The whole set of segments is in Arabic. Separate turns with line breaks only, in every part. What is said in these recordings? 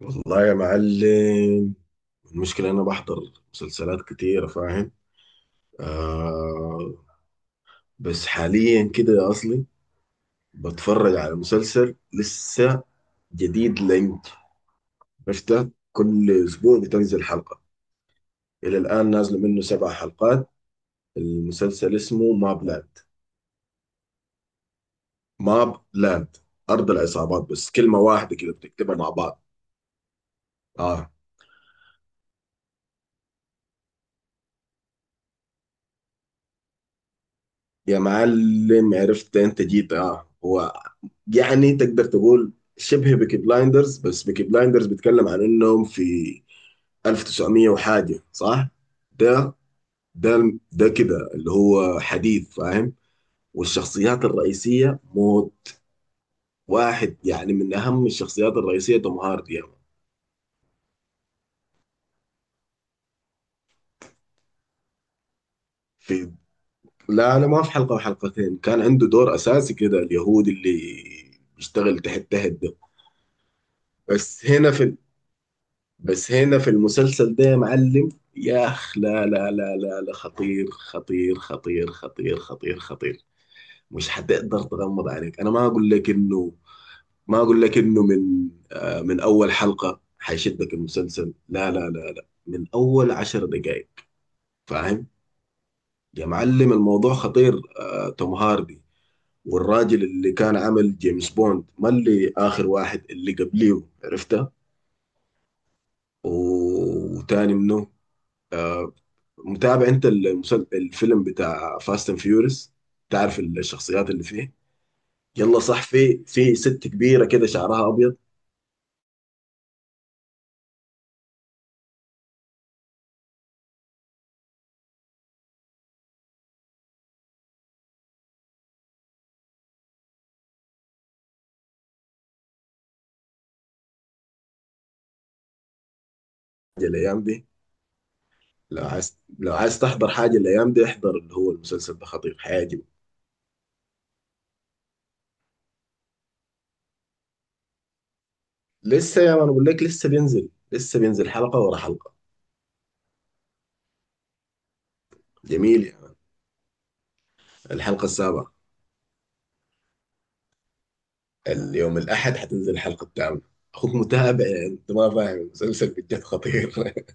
والله يا معلم، المشكلة أنا بحضر مسلسلات كتيرة فاهم. آه. بس حاليا كده يا أصلي بتفرج على مسلسل لسه جديد لينج، عرفته كل أسبوع بتنزل حلقة. إلى الآن نازلة منه سبع حلقات. المسلسل اسمه ماب لاند. ماب لاند، أرض العصابات بس كلمة واحدة كده بتكتبها مع بعض. آه. يا معلم عرفت انت جيت، هو يعني تقدر تقول شبه بيكي بلايندرز، بس بيكي بلايندرز بيتكلم عن انهم في 1900 وحاجه، صح؟ ده ده كده اللي هو حديث، فاهم؟ والشخصيات الرئيسيه موت. واحد يعني من اهم الشخصيات الرئيسيه توم هاردي يعني. في لا لا، ما في حلقه وحلقتين، كان عنده دور اساسي كده، اليهودي اللي بيشتغل تحت ده. بس هنا في بس هنا في المسلسل ده يا معلم. يا اخ لا لا لا لا لا، خطير خطير خطير خطير خطير خطير. مش حتقدر تغمض عليك. انا ما اقول لك انه ما اقول لك انه من من اول حلقة حيشدك المسلسل. لا لا لا لا، من اول عشر دقائق. فاهم. يا معلم الموضوع خطير، توم هاردي والراجل اللي كان عمل جيمس بوند، ما اللي اخر واحد اللي قبليه عرفته. وتاني منه. متابع انت الفيلم بتاع فاست اند فيوريس؟ تعرف الشخصيات اللي فيه. يلا صح، في ست كبيره كده شعرها ابيض. دي الايام دي. لو عايز تحضر حاجه الايام دي، احضر اللي هو المسلسل ده، خطير، حيعجبك. لسه يا ما انا بقول لك، لسه بينزل، حلقه ورا حلقه. جميل يعني. الحلقه السابعه. اليوم الاحد حتنزل الحلقه الثامنه. اخوك متابع يعني، انت ما فاهم، المسلسل بجد خطير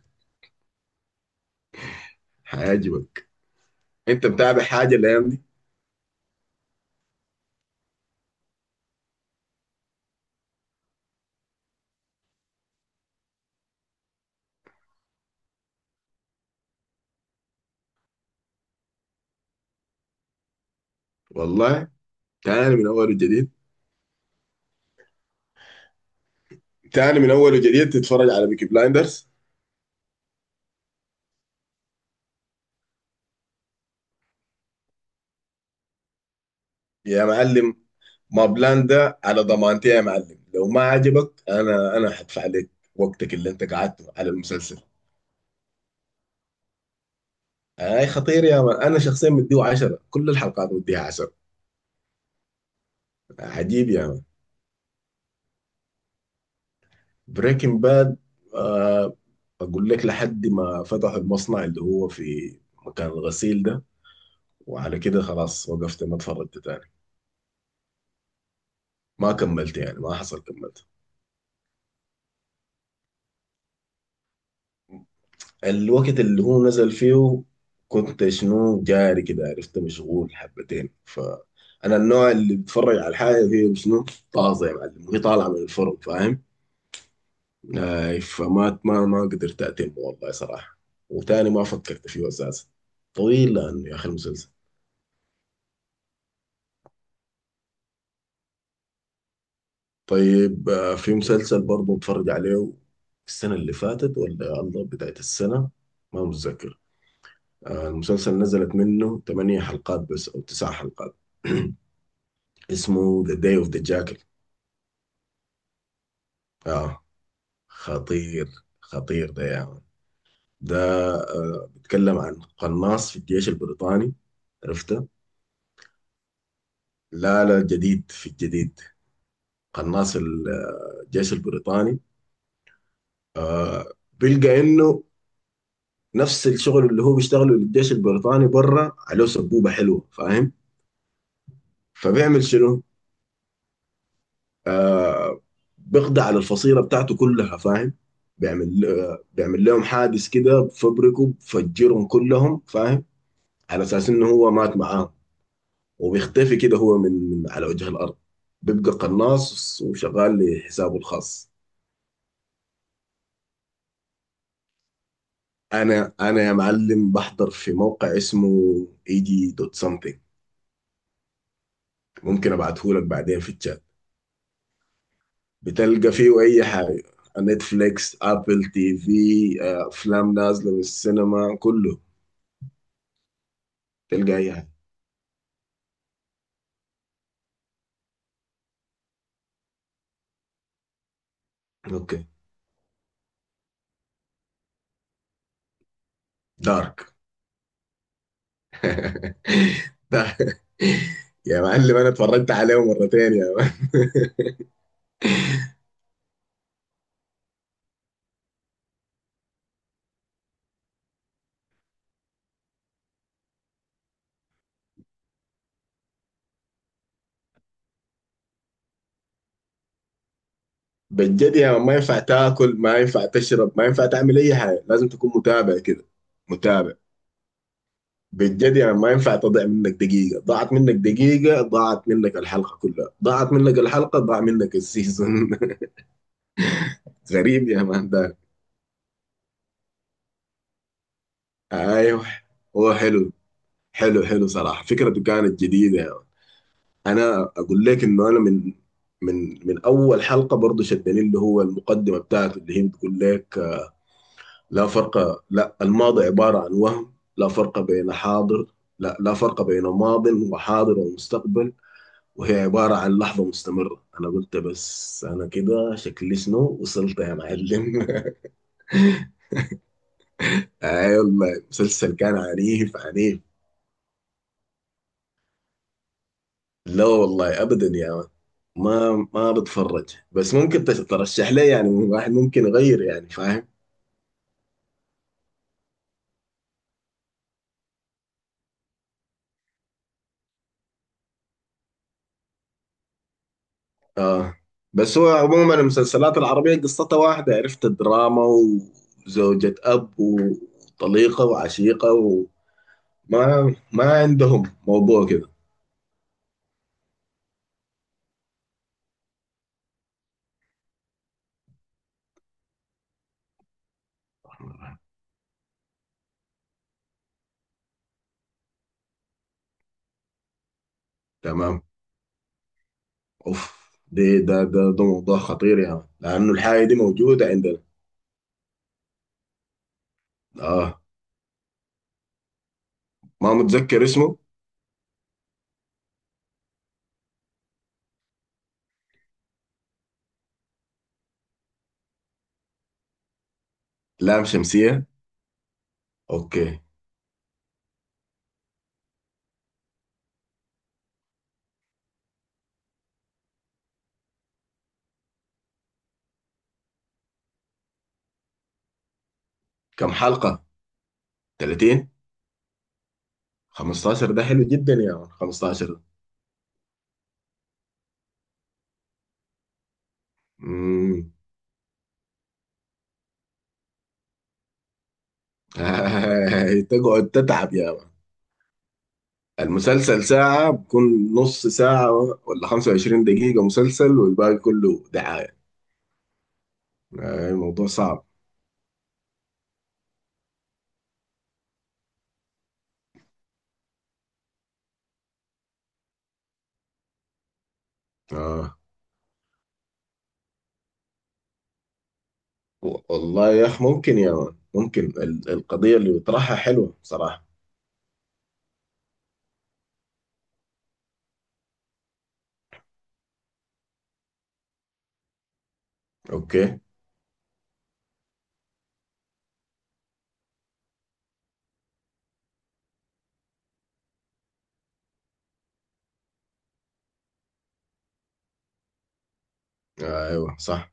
حيعجبك. انت متابع حاجه الايام دي؟ والله، تاني من اول وجديد. تاني من اول وجديد تتفرج على بيكي بلايندرز. يا معلم ما بلان ده على ضمانتي يا معلم، لو ما عجبك، انا هدفع لك وقتك اللي انت قعدته على المسلسل. اي خطير يا مان، انا شخصيا مديه 10، كل الحلقات مديها 10. عجيب يا مان. بريكنج باد، آه. اقول لك لحد ما فتحوا المصنع اللي هو في مكان الغسيل ده، وعلى كده خلاص، وقفت، ما اتفرجت تاني. ما كملت يعني، ما حصل كملت. الوقت اللي هو نزل فيه كنت شنو جاري كده، عرفت، مشغول حبتين، فأنا النوع اللي بتفرج على الحاجة هي شنو طازة يا معلم، وهي طالعة من الفرن، فاهم. آي فما ما ما قدرت أتم والله صراحة. وتاني ما فكرت فيه أساسا. طويل لأنه يا أخي المسلسل. طيب آه، في مسلسل برضه اتفرج عليه السنة اللي فاتت ولا الله بداية السنة، ما متذكر. المسلسل نزلت منه ثمانية حلقات بس أو تسع حلقات. اسمه ذا داي اوف ذا جاكل. اه. خطير. خطير ده يا يعني. ده بيتكلم عن قناص في الجيش البريطاني، عرفته. لا لا، جديد في الجديد. قناص الجيش البريطاني، بيلقى انه نفس الشغل اللي هو بيشتغله للجيش البريطاني بره، عليه سبوبة حلوة، فاهم. فبيعمل شنو؟ آه بيقضي على الفصيلة بتاعته كلها، فاهم. بيعمل لهم حادث كده، بفبركه، بفجرهم كلهم، فاهم. على اساس انه هو مات معاه. وبيختفي كده هو من على وجه الارض. بيبقى قناص وشغال لحسابه الخاص. انا يا معلم بحضر في موقع اسمه اي جي دوت سمثينج. ممكن ابعته لك بعدين في الشات. بتلقى فيه اي حاجه، نتفليكس، ابل تي في، آه، افلام نازله من السينما، كله. تلقى اي حاجه. اوكي. دارك ده يا معلم انا اتفرجت عليه مرتين يا. بجد يعني ما ينفع تاكل، ما ينفع تشرب، ما ينفع تعمل اي حاجه، لازم تكون متابع كده. متابع بجد يعني، ما ينفع تضيع منك دقيقه، ضاعت منك دقيقه ضاعت منك الحلقه كلها، ضاعت منك الحلقه ضاع منك السيزون. غريب يا مان ده. ايوه. هو حلو. حلو حلو صراحه، فكرته كانت جديده يعني. انا اقول لك انه انا من من اول حلقه برضه شدني اللي هو المقدمه بتاعته اللي هي بتقول لك: لا فرق، لا الماضي عبارة عن وهم، لا فرق بين حاضر، لا فرق بين ماض وحاضر ومستقبل، وهي عبارة عن لحظة مستمرة. أنا قلت بس أنا كده شكلي شنو وصلت يا معلم أي والله، مسلسل كان عنيف عنيف. لا والله أبدا يا مان. ما بتفرج، بس ممكن ترشح لي يعني واحد ممكن يغير يعني، فاهم. اه. بس هو عموما المسلسلات العربية قصتها واحدة، عرفت، الدراما وزوجة أب وطليقة وعشيقة، وما ما عندهم موضوع كده. تمام. اوف. دي ده ده ده موضوع خطير يا يعني. لأنه الحاجة دي موجودة عندنا. اه. ما متذكر اسمه. لام شمسية. اوكي. كم حلقة؟ 30. 15 ده حلو جدا يا يعني. 15. امم تقعد تتعب يا يعني. المسلسل ساعة بكون نص ساعة، ولا 25 دقيقة مسلسل والباقي كله دعاية. آه، الموضوع صعب. آه. والله يا أخ ممكن يا مان، ممكن القضية اللي بيطرحها حلوة صراحة. أوكي. آه، أيوه صح.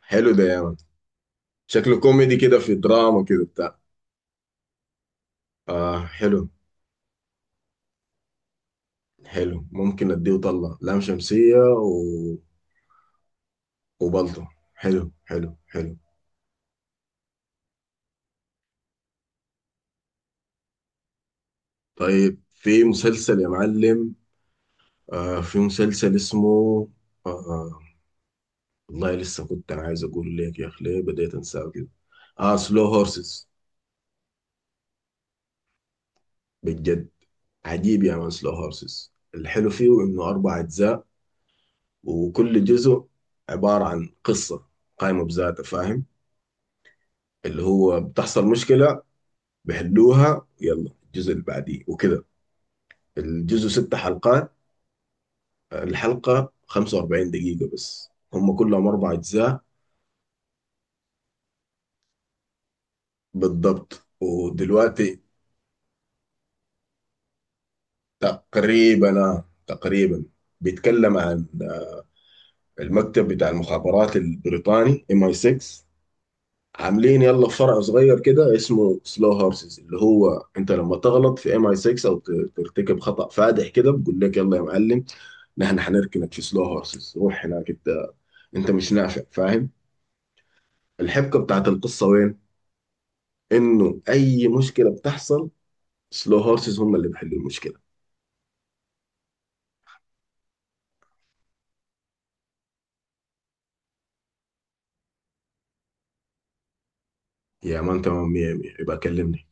حلو ده يا مان، شكله كوميدي كده في دراما كده بتاع. آه حلو. حلو، ممكن أديه وطلع لام شمسية و... وبلطو. حلو حلو حلو. طيب في مسلسل يا معلم، في مسلسل اسمه آه، آه، والله لسه كنت عايز اقول لك يا اخي، ليه بديت انساه كده. اه سلو هورسز. بجد. عجيب يا مان، سلو هورسز الحلو فيه انه اربع اجزاء، وكل جزء عبارة عن قصة قائمة بذاتها، فاهم. اللي هو بتحصل مشكلة، بحلوها، يلا الجزء اللي بعديه وكده. الجزء ست حلقات. الحلقة 45 دقيقة بس، هم كلهم اربع اجزاء. بالضبط، ودلوقتي. تقريبا تقريبا. بيتكلم عن المكتب بتاع المخابرات البريطاني ام اي 6، عاملين يلا فرع صغير كده اسمه سلو هورسز، اللي هو انت لما تغلط في ام اي 6 او ترتكب خطأ فادح كده، بقول لك يلا يا معلم، نحن حنركنك في سلو هورسز، روح هناك انت، انت مش نافع، فاهم. الحبكة بتاعت القصة وين؟ انه اي مشكلة بتحصل، سلو هورسز هم اللي بيحلوا المشكلة. يا مان تمام، 100 100، يبقى كلمني.